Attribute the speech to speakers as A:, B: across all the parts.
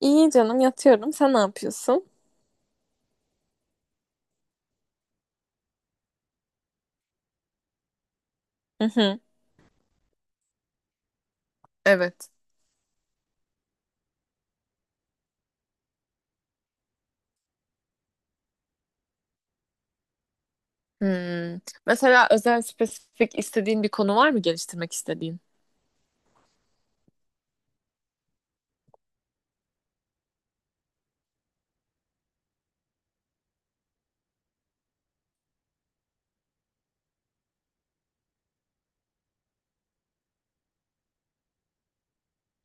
A: İyi canım yatıyorum. Sen ne yapıyorsun? Hı hı. Evet. Hmm. Mesela özel spesifik istediğin bir konu var mı geliştirmek istediğin?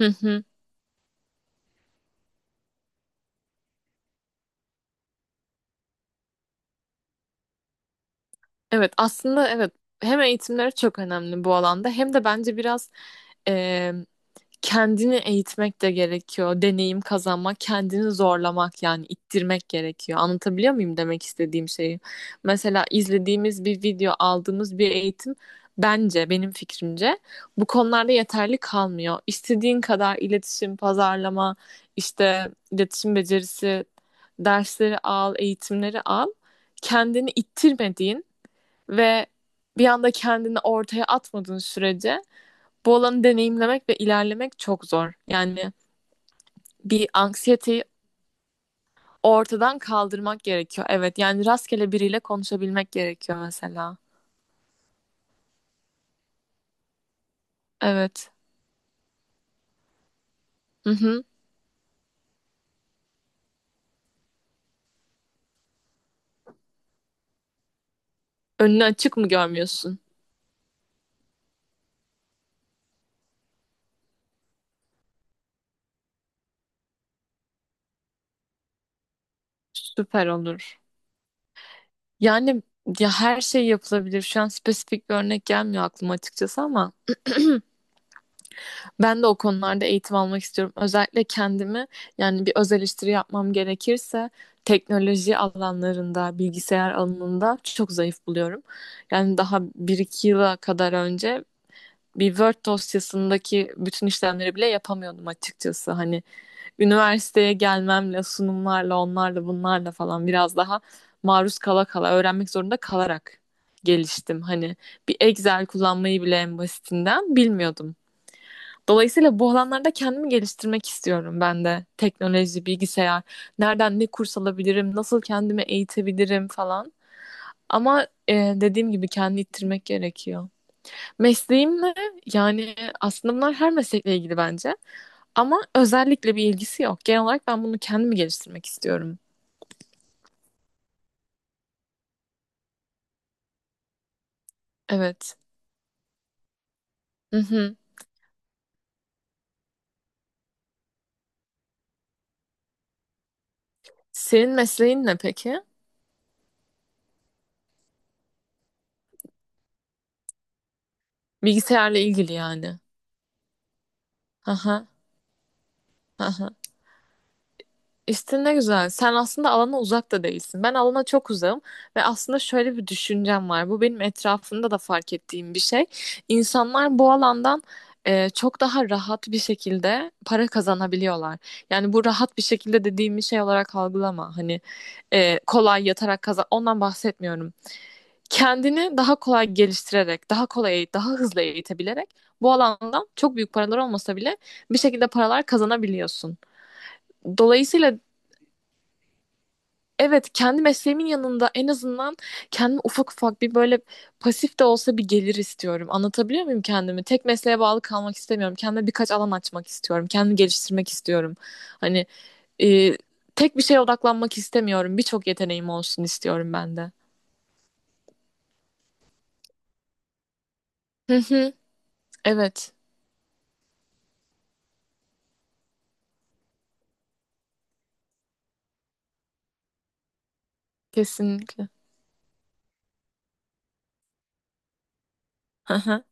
A: Hı hı. Evet aslında evet hem eğitimleri çok önemli bu alanda hem de bence biraz kendini eğitmek de gerekiyor. Deneyim kazanmak, kendini zorlamak yani ittirmek gerekiyor. Anlatabiliyor muyum demek istediğim şeyi? Mesela izlediğimiz bir video, aldığımız bir eğitim bence benim fikrimce bu konularda yeterli kalmıyor. İstediğin kadar iletişim, pazarlama, işte iletişim becerisi dersleri al, eğitimleri al. Kendini ittirmediğin ve bir anda kendini ortaya atmadığın sürece bu olanı deneyimlemek ve ilerlemek çok zor. Yani bir anksiyeteyi ortadan kaldırmak gerekiyor. Evet, yani rastgele biriyle konuşabilmek gerekiyor mesela. Evet. Hı hı. Önünü açık mı görmüyorsun? Süper olur. Yani ya her şey yapılabilir. Şu an spesifik bir örnek gelmiyor aklıma açıkçası ama ben de o konularda eğitim almak istiyorum. Özellikle kendimi yani bir öz eleştiri yapmam gerekirse teknoloji alanlarında, bilgisayar alanında çok zayıf buluyorum. Yani daha bir iki yıla kadar önce bir Word dosyasındaki bütün işlemleri bile yapamıyordum açıkçası. Hani üniversiteye gelmemle, sunumlarla, onlarla, bunlarla falan biraz daha maruz kala kala, öğrenmek zorunda kalarak geliştim. Hani bir Excel kullanmayı bile en basitinden bilmiyordum. Dolayısıyla bu alanlarda kendimi geliştirmek istiyorum ben de. Teknoloji, bilgisayar, nereden ne kurs alabilirim, nasıl kendimi eğitebilirim falan. Ama dediğim gibi kendini ittirmek gerekiyor. Mesleğimle yani aslında bunlar her meslekle ilgili bence. Ama özellikle bir ilgisi yok. Genel olarak ben bunu kendimi geliştirmek istiyorum. Evet. Hı hı. Senin mesleğin ne peki? Bilgisayarla ilgili yani. Aha, aha. İşte ne güzel. Sen aslında alana uzak da değilsin. Ben alana çok uzağım ve aslında şöyle bir düşüncem var. Bu benim etrafımda da fark ettiğim bir şey. İnsanlar bu alandan çok daha rahat bir şekilde para kazanabiliyorlar. Yani bu rahat bir şekilde dediğim bir şey olarak algılama. Hani kolay yatarak kazan. Ondan bahsetmiyorum. Kendini daha kolay geliştirerek, daha kolay, daha hızlı eğitebilerek bu alandan çok büyük paralar olmasa bile bir şekilde paralar kazanabiliyorsun. Dolayısıyla evet, kendi mesleğimin yanında en azından kendime ufak ufak bir böyle pasif de olsa bir gelir istiyorum. Anlatabiliyor muyum kendimi? Tek mesleğe bağlı kalmak istemiyorum. Kendime birkaç alan açmak istiyorum. Kendimi geliştirmek istiyorum. Hani e, tek bir şeye odaklanmak istemiyorum. Birçok yeteneğim olsun istiyorum ben de. Hı hı, evet, kesinlikle. Hı hı,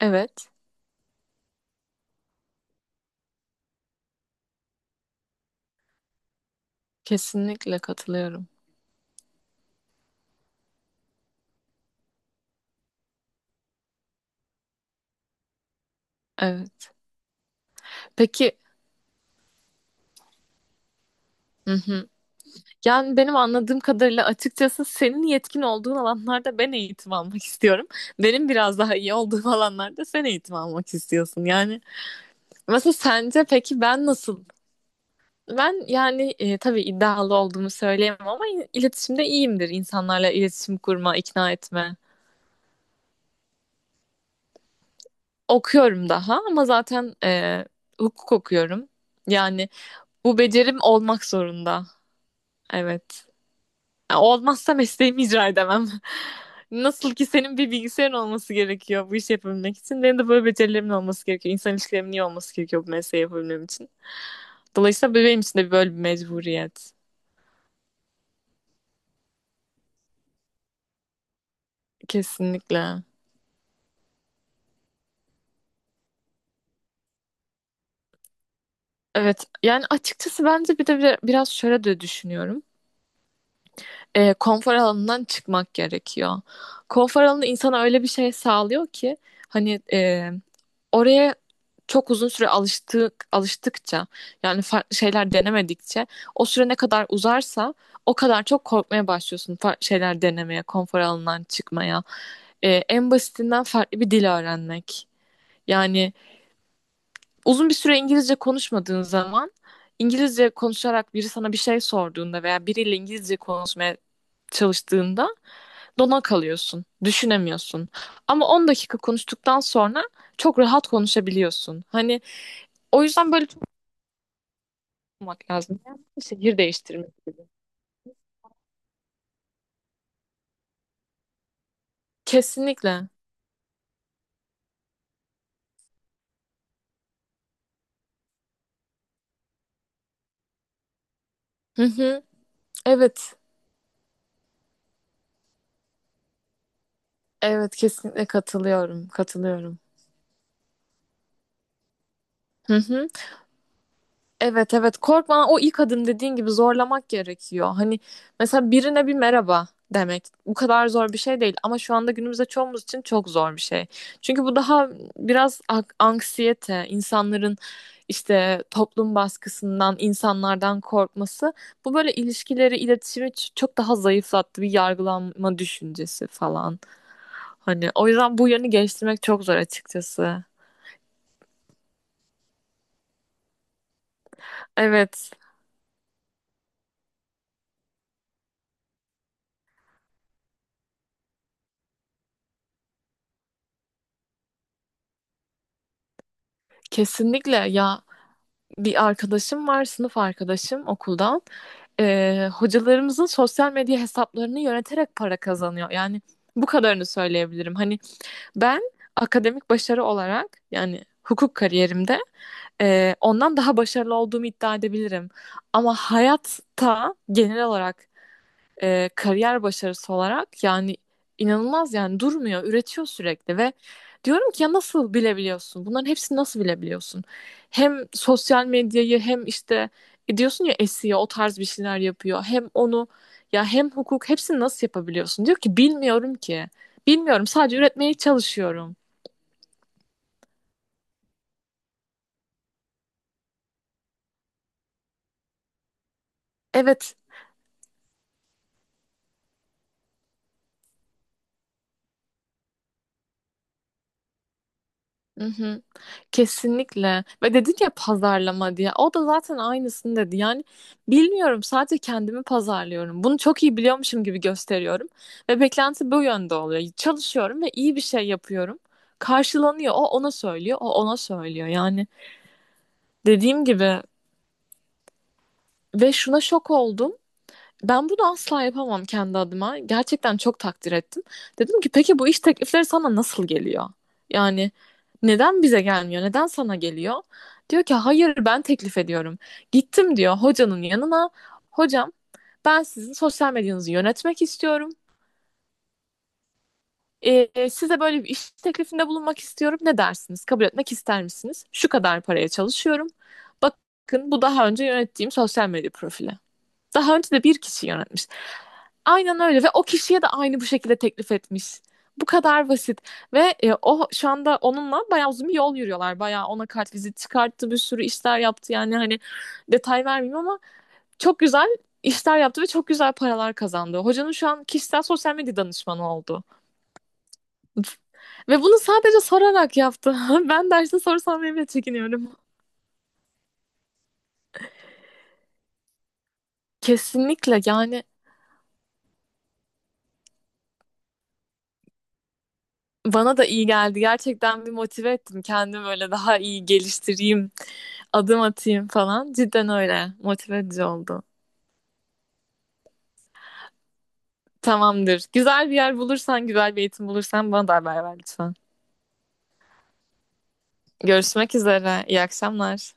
A: evet, kesinlikle katılıyorum. Evet. Peki. Hı hı. Yani benim anladığım kadarıyla açıkçası senin yetkin olduğun alanlarda ben eğitim almak istiyorum. Benim biraz daha iyi olduğum alanlarda sen eğitim almak istiyorsun. Yani mesela sence peki ben nasıl? Ben yani tabii iddialı olduğumu söyleyemem ama iletişimde iyiyimdir. İnsanlarla iletişim kurma, ikna etme. Okuyorum daha ama zaten hukuk okuyorum. Yani bu becerim olmak zorunda. Evet. Ya olmazsa mesleğimi icra edemem. Nasıl ki senin bir bilgisayarın olması gerekiyor bu işi yapabilmek için. Benim de böyle becerilerim olması gerekiyor. İnsan ilişkilerimin iyi olması gerekiyor bu mesleği yapabilmem için. Dolayısıyla benim için de böyle bir mecburiyet. Kesinlikle. Evet yani açıkçası bence bir de biraz şöyle de düşünüyorum. Konfor alanından çıkmak gerekiyor. Konfor alanı insana öyle bir şey sağlıyor ki hani oraya çok uzun süre alıştık alıştıkça yani farklı şeyler denemedikçe o süre ne kadar uzarsa o kadar çok korkmaya başlıyorsun farklı şeyler denemeye, konfor alanından çıkmaya. En basitinden farklı bir dil öğrenmek. Yani uzun bir süre İngilizce konuşmadığın zaman İngilizce konuşarak biri sana bir şey sorduğunda veya biriyle İngilizce konuşmaya çalıştığında dona kalıyorsun, düşünemiyorsun. Ama 10 dakika konuştuktan sonra çok rahat konuşabiliyorsun. Hani o yüzden böyle çok olmak lazım. Yani şehir değiştirmek gibi. Kesinlikle. Hı hı. Evet. Evet kesinlikle katılıyorum. Katılıyorum. Hı hı. Evet evet korkma o ilk adım dediğin gibi zorlamak gerekiyor. Hani mesela birine bir merhaba demek bu kadar zor bir şey değil ama şu anda günümüzde çoğumuz için çok zor bir şey. Çünkü bu daha biraz anksiyete, insanların işte toplum baskısından, insanlardan korkması bu böyle ilişkileri, iletişimi çok daha zayıflattı bir yargılanma düşüncesi falan. Hani o yüzden bu yönü geliştirmek çok zor açıkçası. Evet, kesinlikle ya bir arkadaşım var, sınıf arkadaşım okuldan. Hocalarımızın sosyal medya hesaplarını yöneterek para kazanıyor. Yani bu kadarını söyleyebilirim. Hani ben akademik başarı olarak yani hukuk kariyerimde ondan daha başarılı olduğumu iddia edebilirim. Ama hayatta genel olarak kariyer başarısı olarak yani inanılmaz yani durmuyor, üretiyor sürekli ve diyorum ki ya nasıl bilebiliyorsun? Bunların hepsini nasıl bilebiliyorsun? Hem sosyal medyayı hem işte diyorsun ya SEO o tarz bir şeyler yapıyor. Hem onu ya hem hukuk hepsini nasıl yapabiliyorsun? Diyor ki bilmiyorum ki. Bilmiyorum sadece üretmeye çalışıyorum. Evet. Mhm. Kesinlikle. Ve dedin ya pazarlama diye. O da zaten aynısını dedi. Yani bilmiyorum sadece kendimi pazarlıyorum. Bunu çok iyi biliyormuşum gibi gösteriyorum. Ve beklenti bu yönde oluyor. Çalışıyorum ve iyi bir şey yapıyorum. Karşılanıyor. O ona söylüyor. O ona söylüyor. Yani dediğim gibi ve şuna şok oldum. Ben bunu asla yapamam kendi adıma. Gerçekten çok takdir ettim. Dedim ki peki bu iş teklifleri sana nasıl geliyor? Yani neden bize gelmiyor? Neden sana geliyor? Diyor ki hayır ben teklif ediyorum. Gittim diyor hocanın yanına. Hocam ben sizin sosyal medyanızı yönetmek istiyorum. Size böyle bir iş teklifinde bulunmak istiyorum. Ne dersiniz? Kabul etmek ister misiniz? Şu kadar paraya çalışıyorum. Bakın bu daha önce yönettiğim sosyal medya profili. Daha önce de bir kişi yönetmiş. Aynen öyle ve o kişiye de aynı bu şekilde teklif etmiş. Bu kadar basit ve o şu anda onunla bayağı uzun bir yol yürüyorlar. Bayağı ona kartvizit çıkarttı, bir sürü işler yaptı. Yani hani detay vermeyeyim ama çok güzel işler yaptı ve çok güzel paralar kazandı. Hocanın şu an kişisel sosyal medya danışmanı oldu. Ve bunu sadece sorarak yaptı. Ben derste soru sormaya bile çekiniyorum. Kesinlikle yani bana da iyi geldi. Gerçekten bir motive ettim. Kendimi böyle daha iyi geliştireyim, adım atayım falan. Cidden öyle. Motive edici oldu. Tamamdır. Güzel bir yer bulursan, güzel bir eğitim bulursan bana da haber ver lütfen. Görüşmek üzere. İyi akşamlar.